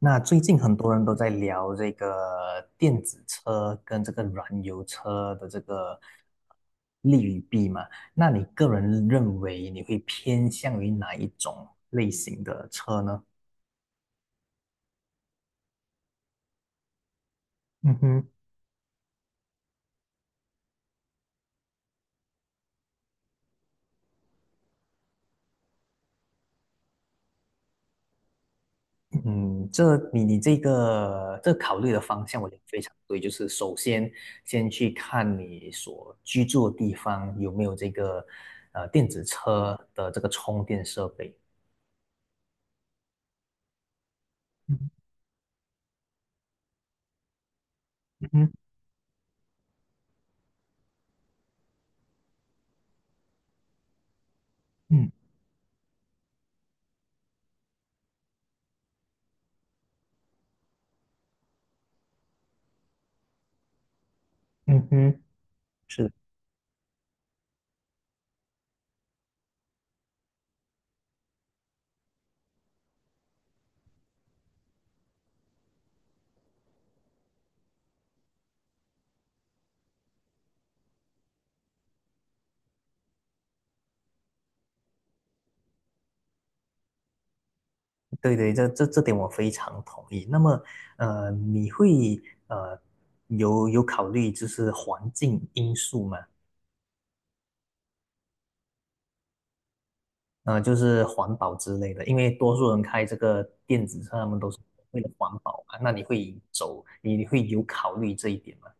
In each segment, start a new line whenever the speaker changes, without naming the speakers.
那最近很多人都在聊这个电子车跟这个燃油车的这个利与弊嘛，那你个人认为你会偏向于哪一种类型的车呢？嗯哼。嗯，这你这考虑的方向，我觉得非常对。就是首先先去看你所居住的地方有没有这个电子车的这个充电设备。嗯哼。嗯。嗯哼。是。对对，这点我非常同意。那么，你会呃有考虑就是环境因素嘛？就是环保之类的，因为多数人开这个电子车，他们都是为了环保嘛。那你会走，你会有考虑这一点吗？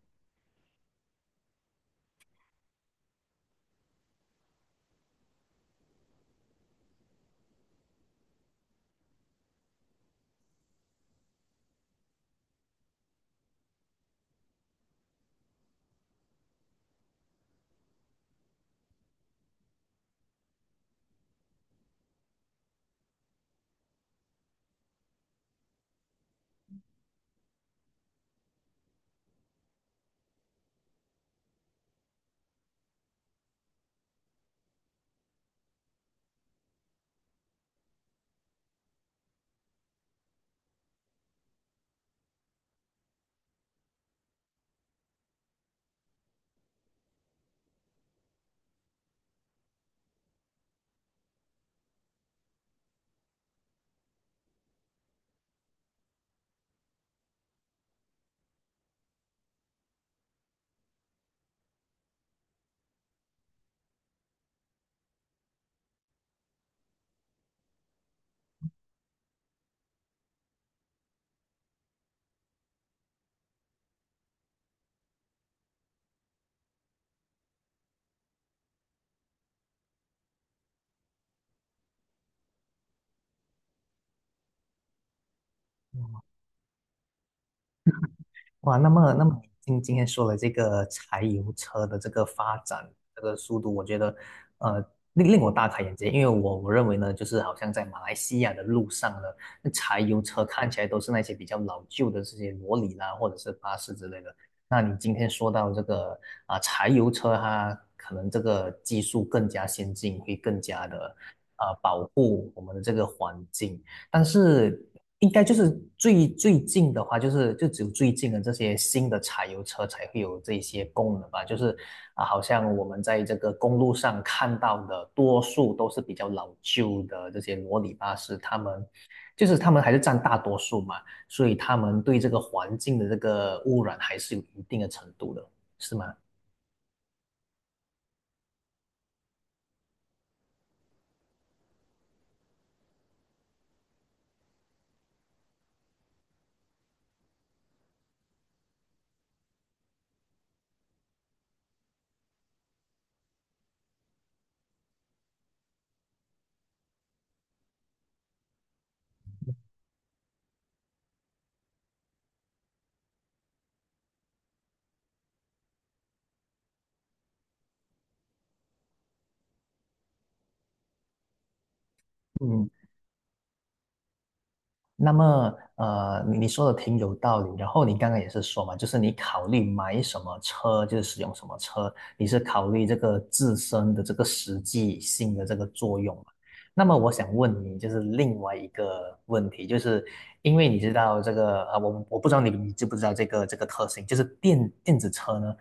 哇，那么那么今天说了这个柴油车的这个发展这个速度，我觉得呃令我大开眼界，因为我认为呢，就是好像在马来西亚的路上呢，那柴油车看起来都是那些比较老旧的这些罗里啦，或者是巴士之类的。那你今天说到这个啊、柴油车它可能这个技术更加先进，会更加的啊、保护我们的这个环境。但是应该就是最近的话，就是就只有最近的这些新的柴油车才会有这些功能吧。就是啊，好像我们在这个公路上看到的，多数都是比较老旧的这些罗里巴士，他们还是占大多数嘛，所以他们对这个环境的这个污染还是有一定的程度的，是吗？嗯。那么，呃，你你说的挺有道理。然后你刚刚也是说嘛，就是你考虑买什么车，就是使用什么车，你是考虑这个自身的这个实际性的这个作用嘛。那么我想问你，就是另外一个问题，就是因为你知道这个，啊，我我不知道你知不知道这个这个特性，就是电子车呢，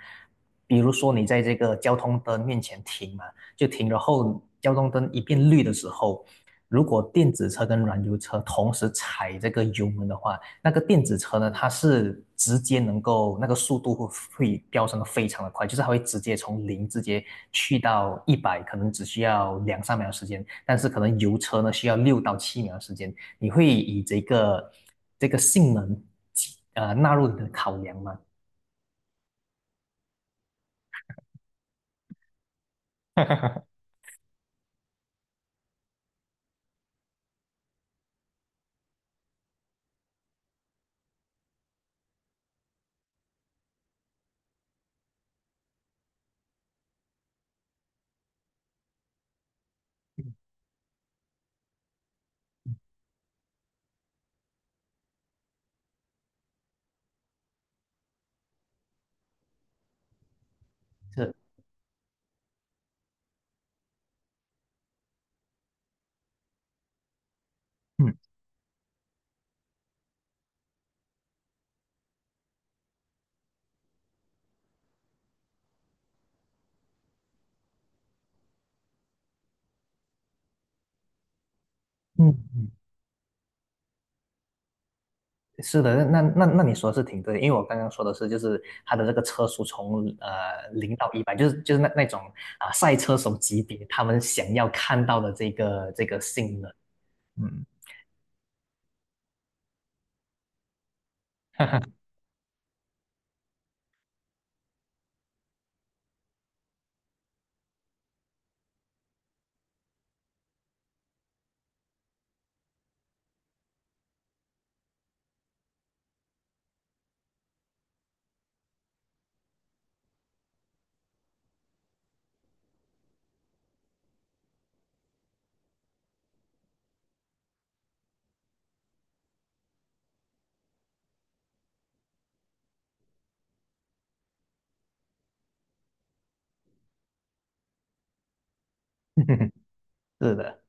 比如说你在这个交通灯面前停嘛，就停，然后交通灯一变绿的时候，如果电子车跟燃油车同时踩这个油门的话，那个电子车呢，它是直接能够那个速度会飙升的非常的快，就是它会直接从零直接去到一百，可能只需要两三秒时间，但是可能油车呢需要六到七秒时间，你会以这个这个性能纳入你的考量吗？是。嗯嗯。是的，那你说的是挺对的，因为我刚刚说的是，就是它的这个车速从零到一百，就是那种啊、赛车手级别，他们想要看到的这个这个性能。嗯。是的。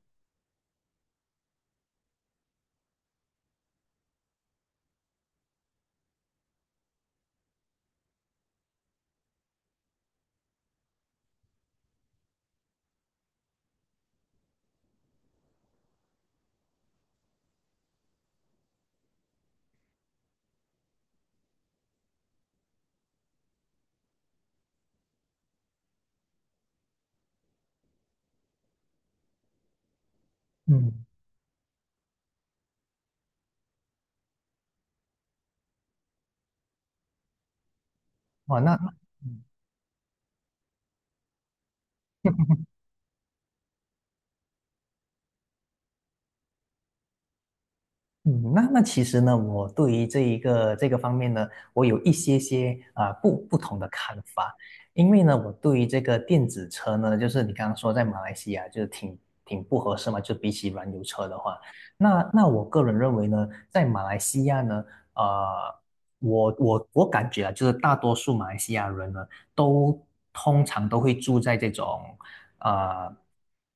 嗯。哇，那。嗯嗯。那其实呢，我对于这一个这个方面呢，我有一些些啊、不同的看法，因为呢，我对于这个电子车呢，就是你刚刚说在马来西亚就是挺不合适嘛，就比起燃油车的话，那我个人认为呢，在马来西亚呢，呃，我感觉啊，就是大多数马来西亚人呢，都通常都会住在这种啊、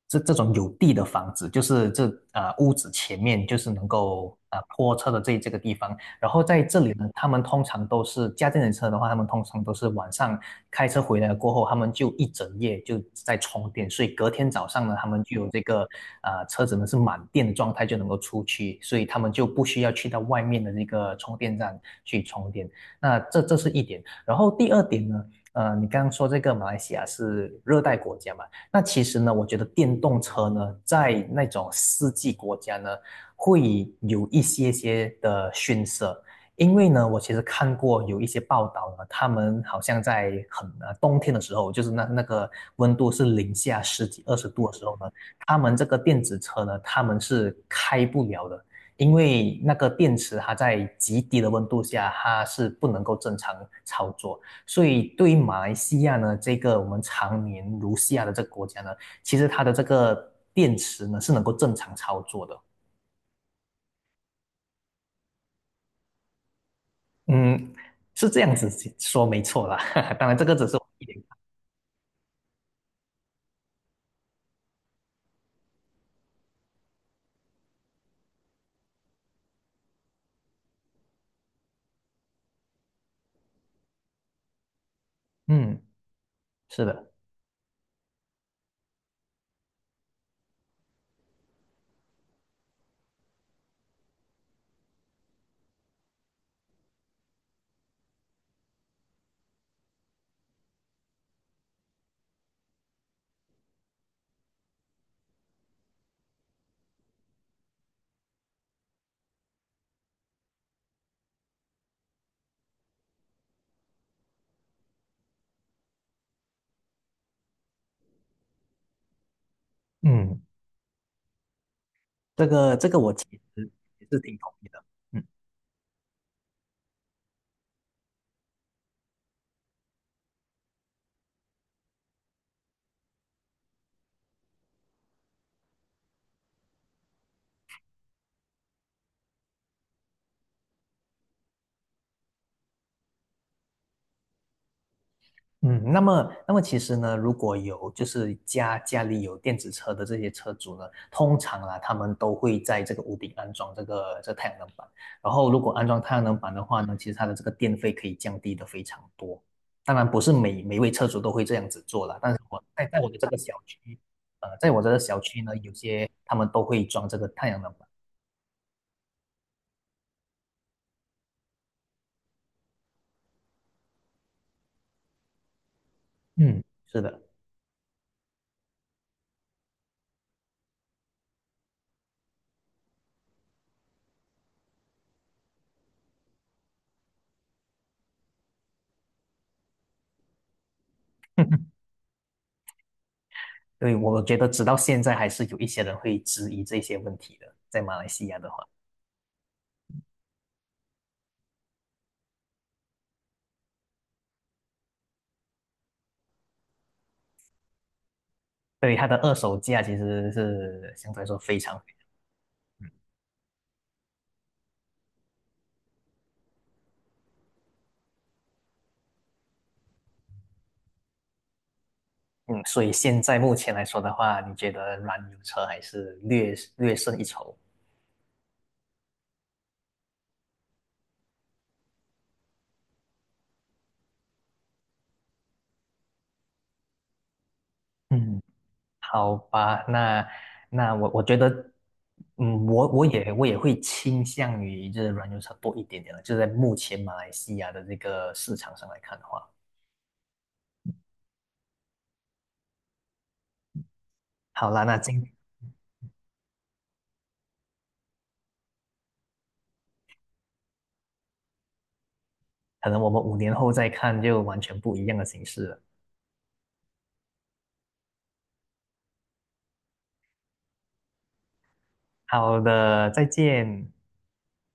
这种有地的房子，就是这啊屋子前面就是能够啊泊车的这个地方。然后在这里呢，他们通常都是家电车的话，他们通常都是晚上开车回来过后，他们就一整夜就在充电，所以隔天早上呢，他们就有这个啊车子呢是满电的状态就能够出去，所以他们就不需要去到外面的那个充电站去充电。那这是一点。然后第二点呢，呃，你刚刚说这个马来西亚是热带国家嘛？那其实呢，我觉得电动车呢，在那种四季国家呢，会有一些些的逊色。因为呢，我其实看过有一些报道呢，他们好像在很冬天的时候，就是那个温度是零下十几二十度的时候呢，他们这个电子车呢，他们是开不了的，因为那个电池它在极低的温度下，它是不能够正常操作。所以对于马来西亚呢，这个我们常年如下的这个国家呢，其实它的这个电池呢是能够正常操作的。嗯，是这样子说没错啦。当然，这个只是我一点。嗯。是的。嗯，这个这个我其实也是挺同意的。嗯。嗯，那么，那么其实呢，如果有就是家里有电子车的这些车主呢，通常啊，他们都会在这个屋顶安装这个太阳能板。然后，如果安装太阳能板的话呢，其实它的这个电费可以降低的非常多。当然，不是每位车主都会这样子做了，但是我在我的这个小区，呃，在我这个小区呢，有些他们都会装这个太阳能板。嗯。是的。对，我觉得直到现在还是有一些人会质疑这些问题的，在马来西亚的话。对，它的二手价其实是相对来说非常。嗯，所以现在目前来说的话，你觉得燃油车还是略略胜一筹？嗯，好吧，那我觉得，嗯，我也会倾向于就是燃油车多一点点了，就是在目前马来西亚的这个市场上来看的话。好啦，那今可能我们5年后再看就完全不一样的形式了。好的，再见。